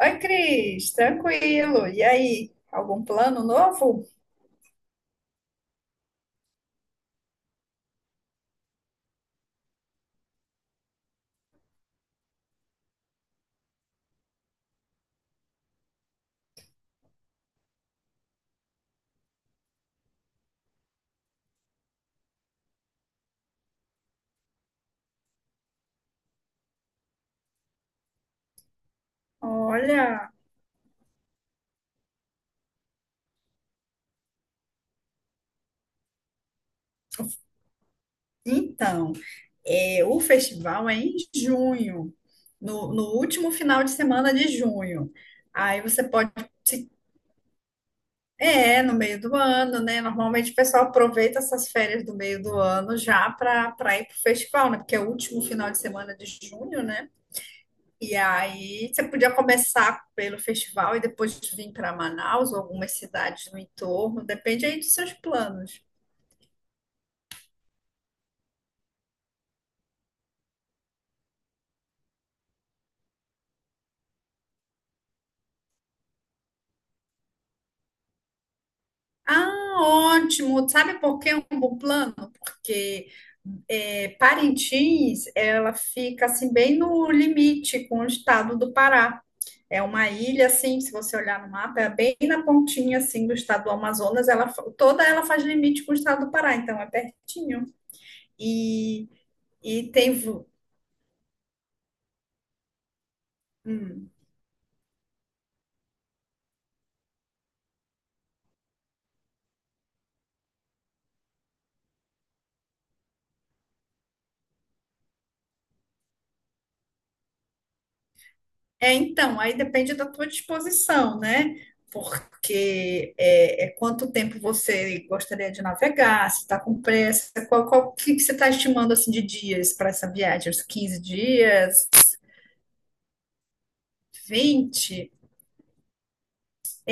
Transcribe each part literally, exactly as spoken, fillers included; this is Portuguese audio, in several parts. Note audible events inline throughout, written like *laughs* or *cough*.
Oi, Cris, tranquilo. E aí, algum plano novo? Olha, então, é, o festival é em junho, no, no último final de semana de junho. Aí você pode, se- é, no meio do ano, né? Normalmente o pessoal aproveita essas férias do meio do ano já para para ir para o festival, né? Porque é o último final de semana de junho, né? E aí você podia começar pelo festival e depois vir para Manaus ou algumas cidades no entorno, depende aí dos seus planos. Ah, ótimo! Sabe por que é um bom plano? Porque é, Parintins, ela fica assim bem no limite com o estado do Pará. É uma ilha assim, se você olhar no mapa, é bem na pontinha assim do estado do Amazonas, ela fa- toda ela faz limite com o estado do Pará, então é pertinho. E e tem vo- hum. É, então, aí depende da tua disposição, né? Porque é, é quanto tempo você gostaria de navegar, se está com pressa, qual, qual que que você está estimando assim de dias para essa viagem? Uns quinze dias, Vinte?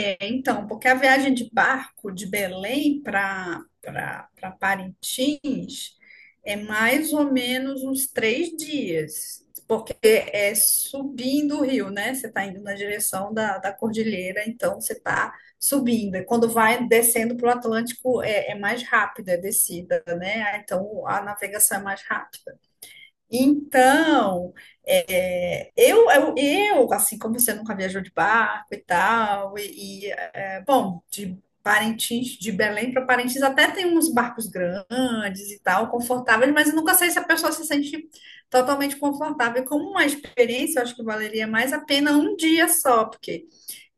É, então, porque a viagem de barco de Belém para para Parintins é mais ou menos uns três dias, porque é subindo o rio, né? Você está indo na direção da, da cordilheira, então você está subindo. E quando vai descendo para o Atlântico, é, é mais rápida a descida, né? Ah, então a navegação é mais rápida. Então, é, eu, eu, eu, assim como você nunca viajou de barco e tal, e, e, é, bom, de Parintins, de Belém para Parintins, até tem uns barcos grandes e tal, confortáveis, mas eu nunca sei se a pessoa se sente totalmente confortável. E como uma experiência, eu acho que valeria mais a pena um dia só, porque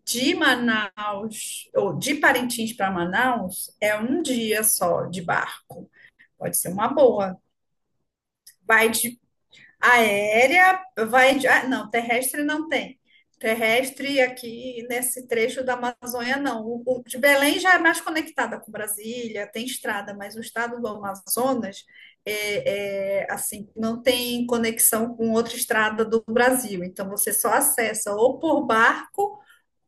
de Manaus, ou de Parintins para Manaus, é um dia só de barco. Pode ser uma boa. Vai de Aérea vai. de- Ah, não, terrestre não tem. Terrestre aqui nesse trecho da Amazônia, não. O, o de Belém já é mais conectada com Brasília, tem estrada, mas o estado do Amazonas é, é, assim, não tem conexão com outra estrada do Brasil. Então você só acessa ou por barco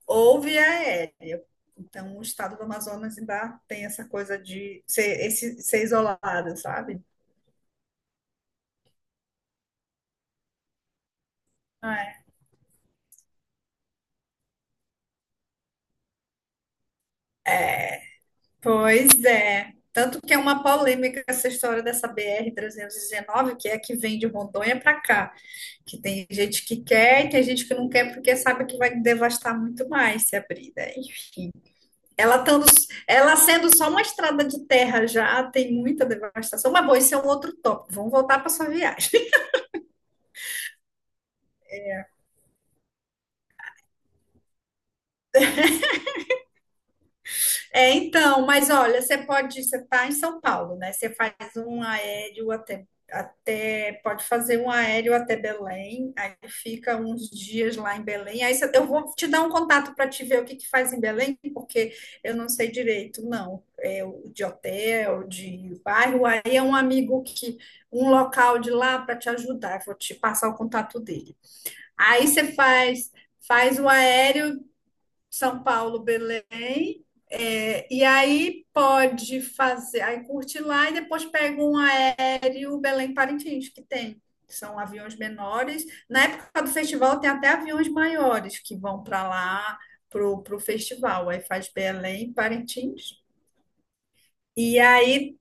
ou via aérea. Então o estado do Amazonas ainda tem essa coisa de ser, esse, ser isolado, sabe? Pois é. Tanto que é uma polêmica essa história dessa B R três dezenove, que é a que vem de Rondônia para cá. Que tem gente que quer e tem gente que não quer porque sabe que vai devastar muito mais se abrir, né? Enfim. Ela, tando, ela sendo só uma estrada de terra já tem muita devastação. Mas, bom, esse é um outro tópico. Vamos voltar para sua viagem. É, então, mas olha, você pode, você está em São Paulo, né? Você faz um aéreo até, até, pode fazer um aéreo até Belém, aí fica uns dias lá em Belém. Aí você- eu vou te dar um contato para te ver o que que faz em Belém, porque eu não sei direito, não. É o- de hotel, de bairro. Aí é um amigo que, um local de lá para te ajudar. Eu vou te passar o contato dele. Aí você faz, faz o aéreo são Paulo, Belém. É, e aí pode fazer, aí curte lá e depois pega um aéreo Belém-Parintins, que tem. São aviões menores. Na época do festival tem até aviões maiores que vão para lá, pro, pro festival. Aí faz Belém, Parintins. E aí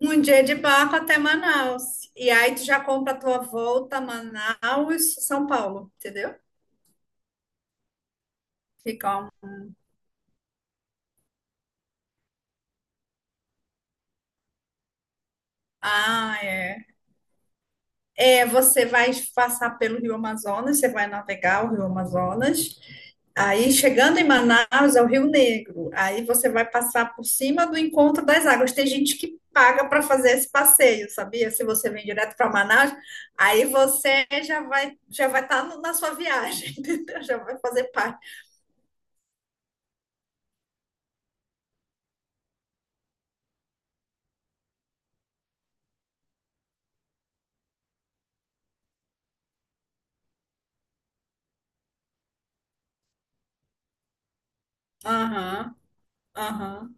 um dia de barco até Manaus. E aí tu já compra a tua volta a Manaus, São Paulo, entendeu? Fica um... Ah, é. É, você vai passar pelo Rio Amazonas, você vai navegar o Rio Amazonas. Aí, chegando em Manaus, é o Rio Negro. Aí você vai passar por cima do Encontro das Águas. Tem gente que paga para fazer esse passeio, sabia? Se você vem direto para Manaus, aí você já vai já vai estar na sua viagem, *laughs* entendeu? Já vai fazer parte. Aham, aham.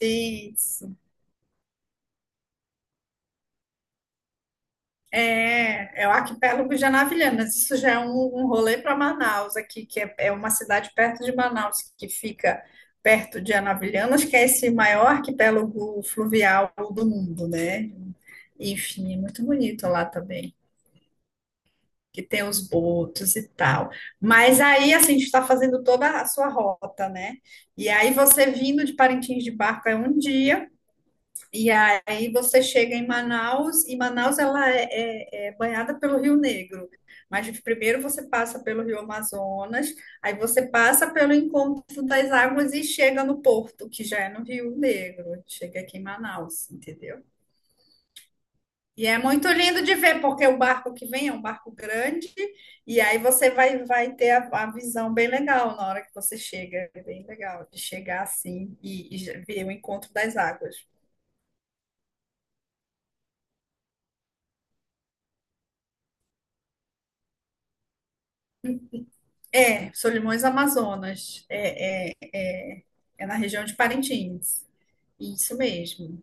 Isso. É, é o arquipélago de Anavilhanas. Isso já é um, um rolê para Manaus aqui, que é, é uma cidade perto de Manaus, que fica perto de Anavilhanas, que é esse maior arquipélago fluvial do mundo, né? Enfim, é muito bonito lá também, que tem os botos e tal. Mas aí, assim, a gente está fazendo toda a sua rota, né? E aí você vindo de Parintins de barco é um dia, e aí você chega em Manaus, e Manaus ela é, é- é banhada pelo Rio Negro. Mas primeiro você passa pelo Rio Amazonas, aí você passa pelo encontro das águas e chega no porto, que já é no Rio Negro. Chega aqui em Manaus, entendeu? E é muito lindo de ver, porque o barco que vem é um barco grande, e aí você vai, vai ter a, a visão bem legal na hora que você chega. É bem legal de chegar assim e, e ver o encontro das águas. É, Solimões Amazonas. É, é, é, é na região de Parintins. Isso mesmo.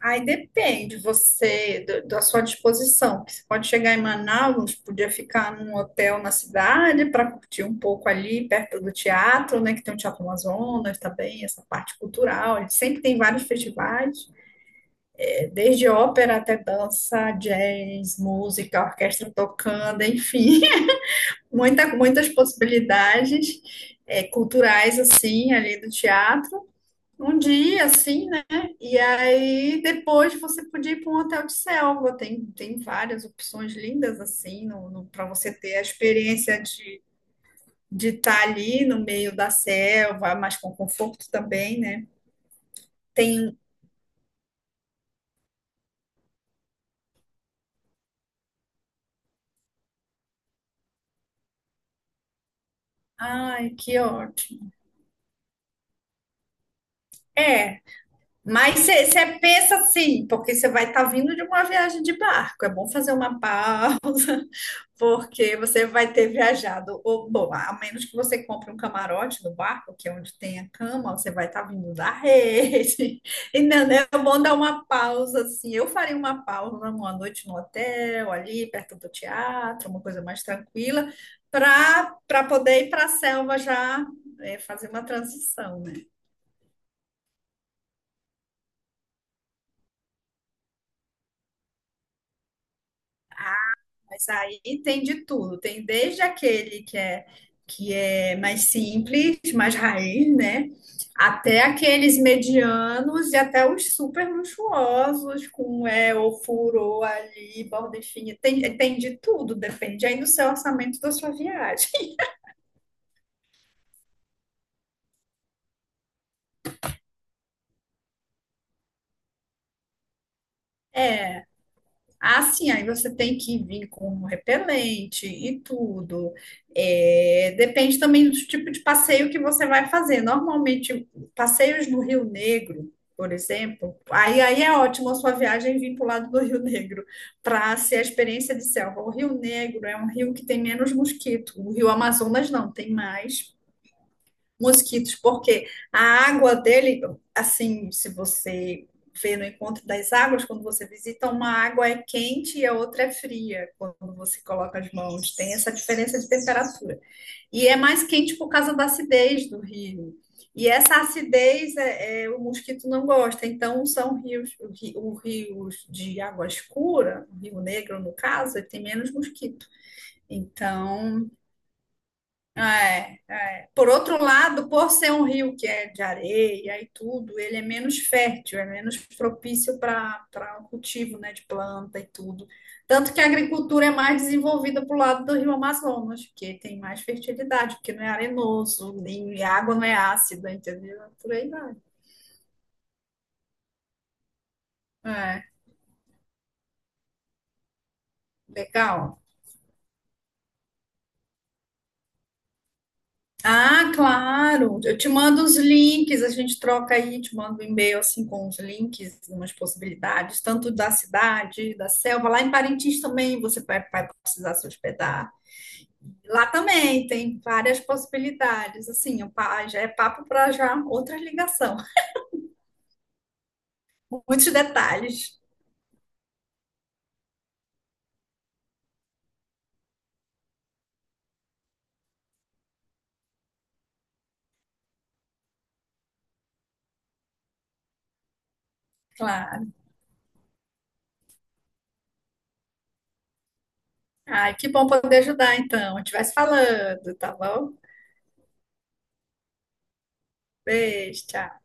Aí depende você do- Da sua disposição. Porque você pode chegar em Manaus, podia ficar num hotel na cidade para curtir um pouco ali perto do teatro, né? Que tem o Teatro Amazonas também, essa parte cultural. Ele sempre tem vários festivais, é, desde ópera até dança, jazz, música, orquestra tocando, enfim. Muita, muitas possibilidades é, culturais, assim, ali do teatro. Um dia, assim, né? E aí depois você podia ir para um hotel de selva. Tem, tem várias opções lindas, assim, no, no, para você ter a experiência de, de estar ali no meio da selva, mas com conforto também, né? Tem. Ai, que ótimo. É. Mas você pensa assim, porque você vai estar vindo de uma viagem de barco. É bom fazer uma pausa, porque você vai ter viajado, ou, bom, a menos que você compre um camarote no barco, que é onde tem a cama, você vai estar vindo da rede. *laughs* Entendeu? É bom dar uma pausa, assim. Eu faria uma pausa uma noite no hotel, ali perto do teatro, uma coisa mais tranquila, para para poder ir para a selva já é, fazer uma transição, né? Mas aí tem de tudo. Tem desde aquele que é que é mais simples, mais raiz, né? Até aqueles medianos e até os super luxuosos, com é, ofurô ali, borda fina. Tem, tem de tudo, depende aí do seu orçamento e da sua viagem. *laughs* É. Ah, sim, aí você tem que vir com um repelente e tudo. É, depende também do tipo de passeio que você vai fazer. Normalmente, passeios no Rio Negro, por exemplo, aí, aí é ótimo a sua viagem vir para o lado do Rio Negro, para ser a experiência de selva. O Rio Negro é um rio que tem menos mosquito. O Rio Amazonas não, tem mais mosquitos, porque a água dele, assim, se você vê no encontro das águas, quando você visita, uma água é quente e a outra é fria, quando você coloca as mãos. Tem essa diferença de temperatura. E é mais quente por causa da acidez do rio. E essa acidez é, é, o mosquito não gosta. Então, são rios, o ri- rios de água escura, o Rio Negro, no caso, ele tem menos mosquito. Então, é por outro lado, por ser um rio que é de areia e tudo, ele é menos fértil, é menos propício para para o cultivo, né, de planta e tudo. Tanto que a agricultura é mais desenvolvida para o lado do rio Amazonas, porque tem mais fertilidade, porque não é arenoso, nem a água não é ácida, entendeu? É por aí vai. É, legal. Ah, claro. Eu te mando os links, a gente troca aí, te mando um e-mail assim com os links, umas possibilidades, tanto da cidade, da selva. Lá em Parintins também você vai, vai precisar se hospedar. Lá também tem várias possibilidades. Assim, o pa- já é papo para já outra ligação. *laughs* Muitos detalhes, claro. Ai, que bom poder ajudar então. A gente vai se falando, tá bom? Beijo, tchau.